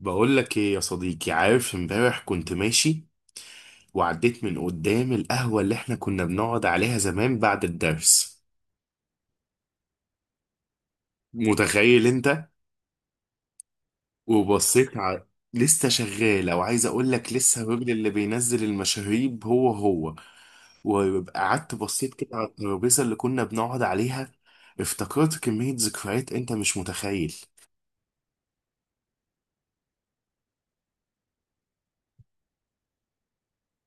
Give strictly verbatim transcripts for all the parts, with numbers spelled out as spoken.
بقول لك ايه يا صديقي؟ عارف امبارح كنت ماشي وعديت من قدام القهوة اللي احنا كنا بنقعد عليها زمان بعد الدرس. متخيل انت؟ وبصيت على لسه شغالة، وعايز اقول لك لسه الراجل اللي بينزل المشاريب هو هو. وقعدت بصيت كده على الترابيزة اللي كنا بنقعد عليها. افتكرت كمية ذكريات انت مش متخيل.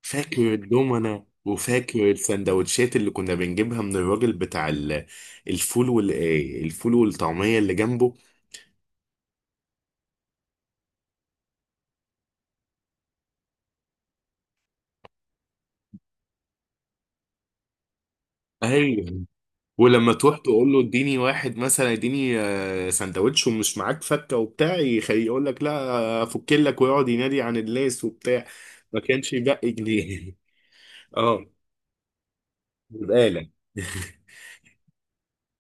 فاكر الدومنة وفاكر السندوتشات اللي كنا بنجيبها من الراجل بتاع ال- الفول وال آه، الفول والطعمية اللي جنبه. ايوه، ولما تروح تقول له اديني واحد مثلا اديني آه، سندوتش ومش معاك فكة وبتاع يخ- يقول لك لا افك لك، ويقعد ينادي عن اللاس وبتاع. ما كانش يبقى جنيه. اه، بقالك.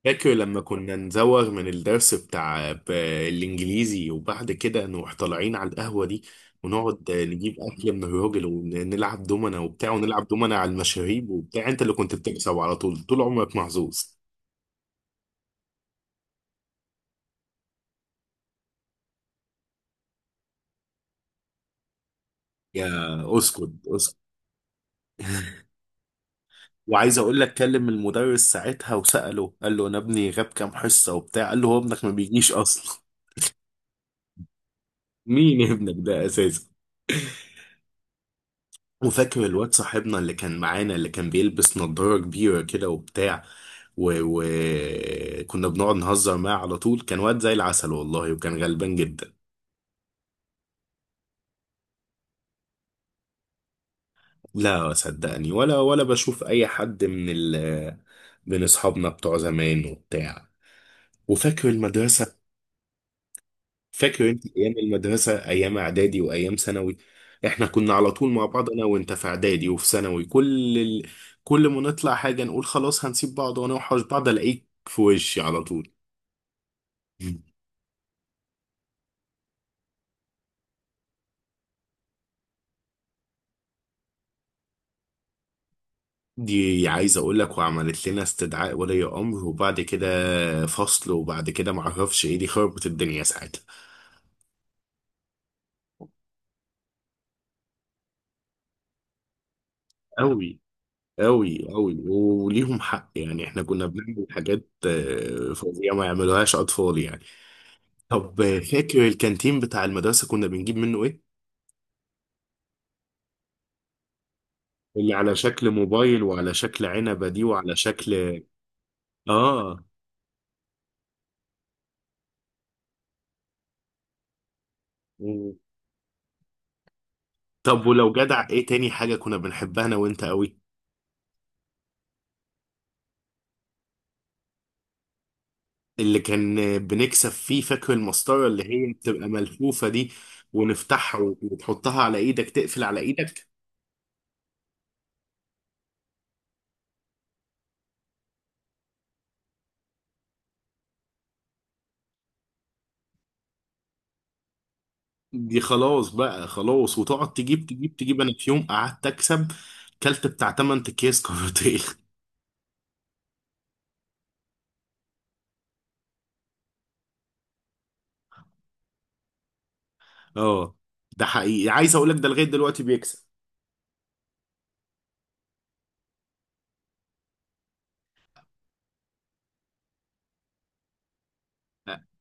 فاكر لما كنا نزوغ من الدرس بتاع ب- الإنجليزي وبعد كده نروح طالعين على القهوة دي، ونقعد نجيب أكل من الراجل ونلعب دومنا وبتاع، ونلعب دومنا على المشاريب وبتاع. أنت اللي كنت بتكسب على طول، طول عمرك محظوظ. يا اسكت اسكت! وعايز أقول لك كلم المدرس ساعتها وسأله، قال له أنا ابني غاب كام حصة وبتاع، قال له هو ابنك ما بيجيش أصلا. مين ابنك ده أساسا؟ وفاكر الواد صاحبنا اللي كان معانا اللي كان بيلبس نضارة كبيرة كده وبتاع، وكنا بنقعد نهزر معاه على طول. كان واد زي العسل والله، وكان غلبان جدا. لا صدقني، ولا ولا بشوف أي حد من ال من أصحابنا بتوع زمان وبتاع. وفاكر المدرسة؟ فاكر انت ايام المدرسه، ايام اعدادي وايام ثانوي؟ احنا كنا على طول مع بعض انا وانت، في اعدادي وفي ثانوي. كل ال... كل ما نطلع حاجه نقول خلاص هنسيب بعض ونوحش بعض، الاقيك في وشي على طول. دي عايز اقول لك، وعملت لنا استدعاء ولي امر وبعد كده فصل، وبعد كده معرفش ايه، دي خربت الدنيا ساعتها. قوي قوي قوي، وليهم حق يعني احنا كنا بنعمل حاجات آه، فظيعه ما يعملوهاش اطفال يعني. طب، فاكر الكانتين بتاع المدرسة كنا بنجيب منه ايه؟ اللي على شكل موبايل وعلى شكل عنبة دي وعلى شكل اه و- طب ولو جدع، ايه تاني حاجة كنا بنحبها انا وانت قوي؟ اللي كان بنكسب فيه، فاكر المسطرة اللي هي بتبقى ملفوفة دي، ونفتحها وتحطها على ايدك تقفل على ايدك. دي خلاص بقى خلاص، وتقعد تجيب تجيب تجيب. انا في يوم قعدت اكسب كلت بتاع تمن أكياس اكياس كاراتيه. اه، ده حقيقي عايز اقول لك ده لغاية دلوقتي بيكسب.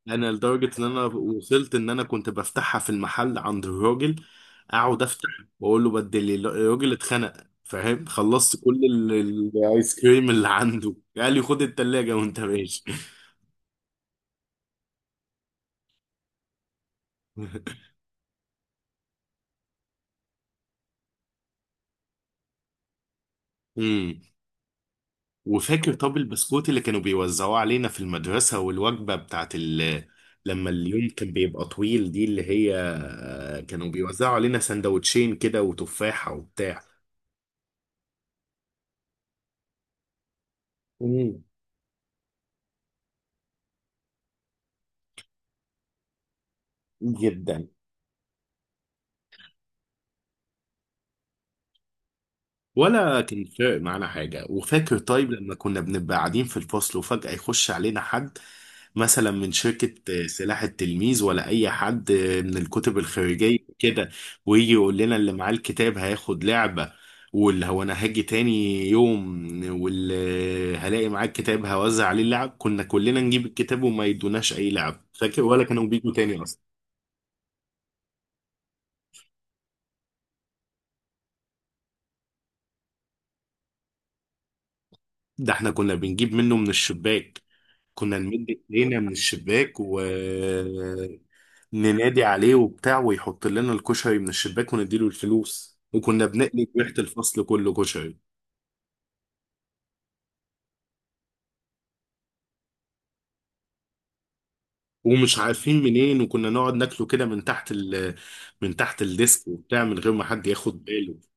انا لدرجه ان انا وصلت ان انا كنت بفتحها في المحل عند الراجل، اقعد افتح واقول له بدل ال- الراجل اتخنق، فاهم، خلصت كل ال- ال- الايس كريم اللي عنده، قال لي خد التلاجة وانت ماشي. امم وفاكر طب البسكوت اللي كانوا بيوزعوه علينا في المدرسه، والوجبه بتاعت ال... لما اليوم كان بيبقى طويل دي، اللي هي آه، كانوا بيوزعوا علينا سندوتشين كده وتفاحه وبتاع. امم، جدا. ولا كان فارق معانا حاجة. وفاكر طيب لما كنا بنبقى قاعدين في الفصل وفجأة يخش علينا حد مثلا من شركة آه، سلاح التلميذ، ولا أي حد آه، من الكتب الخارجية كده، ويجي يقول لنا اللي معاه الكتاب هياخد لعبة، واللي هو أنا هاجي تاني يوم واللي هلاقي معاه الكتاب هوزع عليه اللعب. كنا كلنا نجيب الكتاب وما يدوناش أي لعب، فاكر؟ ولا كانوا بيجوا تاني أصلا؟ ده احنا كنا بنجيب منه من الشباك، كنا نمد ايدينا من الشباك وننادي عليه وبتاع ويحط لنا الكشري من الشباك ونديله الفلوس، وكنا بنقلب ريحة الفصل كله كشري ومش عارفين منين. وكنا نقعد ناكله كده من تحت ال... من تحت الديسك وبتاع، من غير ما حد ياخد باله.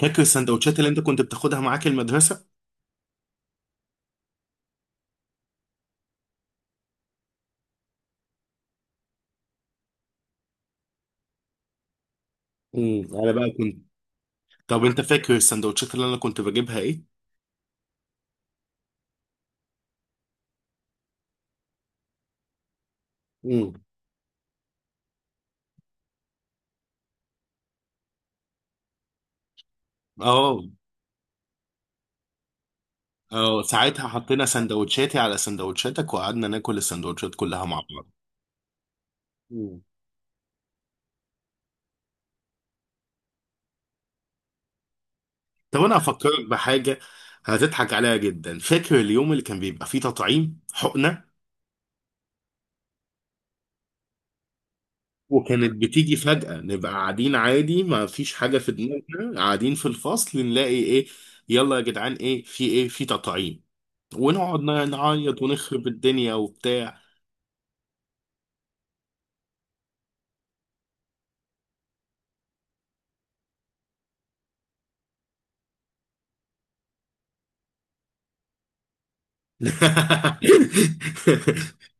فاكر السندوتشات اللي انت كنت بتاخدها معاك المدرسة؟ امم انا بقى كنت. طب انت فاكر السندوتشات اللي انا كنت بجيبها ايه؟ امم، اه اه، ساعتها حطينا سندوتشاتي على سندوتشاتك وقعدنا ناكل السندوتشات كلها مع بعض. مم. طب انا افكرك بحاجه هتضحك عليها جدا، فاكر اليوم اللي كان بيبقى فيه تطعيم حقنه؟ وكانت بتيجي فجاه، نبقى قاعدين عادي ما فيش حاجه في دماغنا قاعدين في الفصل، نلاقي ايه، يلا يا جدعان ايه في ايه؟ في تطعيم! ونقعد نعيط ونخرب الدنيا وبتاع.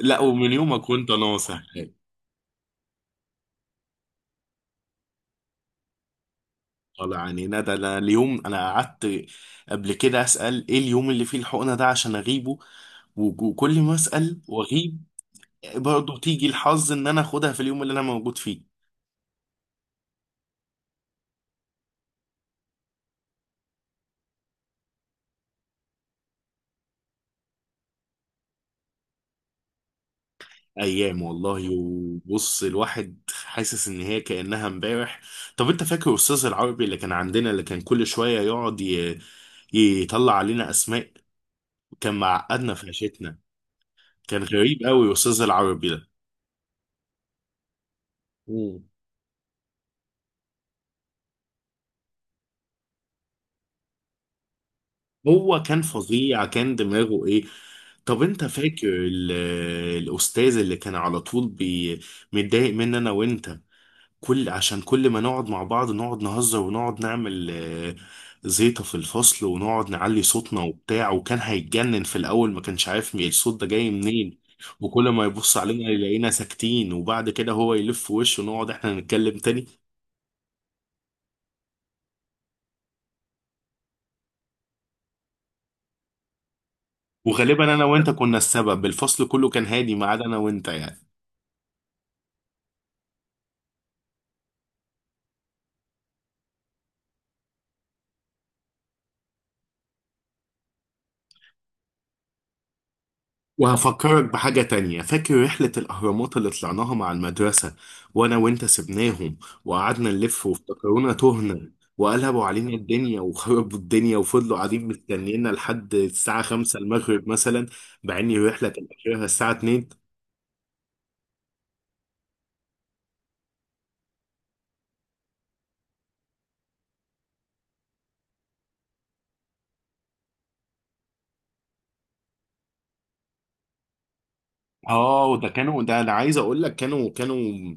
لا، ومن يومك وانت ناصح. والله يعني ندى انا اليوم انا قعدت قبل كده اسال ايه اليوم اللي فيه الحقنه ده عشان اغيبه، و- وكل ما اسال واغيب، برضه تيجي الحظ ان انا اخدها في اليوم اللي انا موجود فيه. ايام والله، وبص الواحد حاسس ان هي كانها امبارح. طب انت فاكر استاذ العربي اللي كان عندنا اللي كان كل شويه يقعد ي- يطلع علينا اسماء؟ كان معقدنا في عيشتنا. كان غريب قوي استاذ العربي ده. مم. هو كان فظيع، كان دماغه ايه. طب انت فاكر ال- الاستاذ اللي كان على طول بي متضايق مني انا وانت، كل عشان كل ما نقعد مع بعض نقعد نهزر ونقعد نعمل آه، زيطة في الفصل ونقعد نعلي صوتنا وبتاع، وكان هيتجنن في الاول ما كانش عارف مين الصوت ده جاي منين. وكل ما يبص علينا يلاقينا ساكتين، وبعد كده هو يلف وشه ونقعد احنا نتكلم تاني. وغالبا انا وانت كنا السبب، الفصل كله كان هادي ما عدا انا وانت يعني. وهفكرك بحاجة تانية، فاكر رحلة الأهرامات اللي طلعناها مع المدرسة، وأنا وأنت سبناهم وقعدنا نلف وافتكرونا تهنا، وقلبوا علينا الدنيا وخربوا الدنيا وفضلوا قاعدين مستنينا لحد الساعة خمسة المغرب مثلا، مع إن الرحلة كان آخرها الساعة اتنين. آه وده كانوا، ده أنا عايز أقول لك كانوا كانوا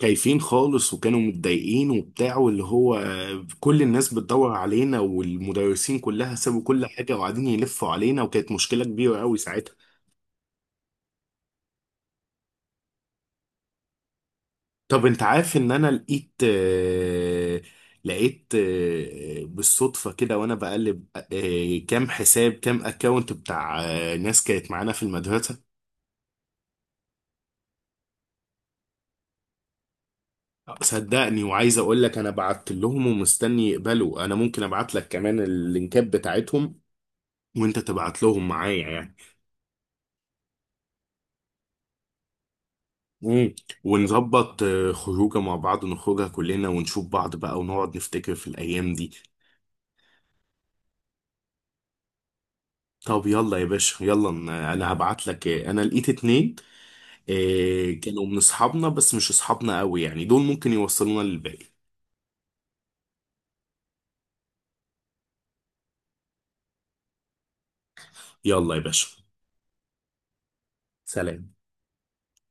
خايفين خالص وكانوا متضايقين وبتاع، واللي هو آه، كل الناس بتدور علينا، والمدرسين كلها سابوا كل حاجة وقاعدين يلفوا علينا، وكانت مشكلة كبيرة قوي ساعتها. طب انت عارف ان انا لقيت آه، لقيت آه، بالصدفة كده، وانا بقلب آه، كام حساب كام اكونت بتاع آه، ناس كانت معانا في المدرسة. صدقني، وعايز اقول لك انا بعت لهم ومستني يقبلوا، انا ممكن ابعت لك كمان اللينكات بتاعتهم وانت تبعت لهم معايا يعني. مم. ونظبط آه، خروجه مع بعض نخرجها كلنا ونشوف بعض بقى، ونقعد نفتكر في الايام دي. طب يلا يا باشا، يلا انا أنا هبعت لك آه، انا لقيت اتنين، إيه كانوا من اصحابنا بس مش اصحابنا قوي يعني، دول ممكن يوصلونا للباقي. يلا يا باشا. سلام.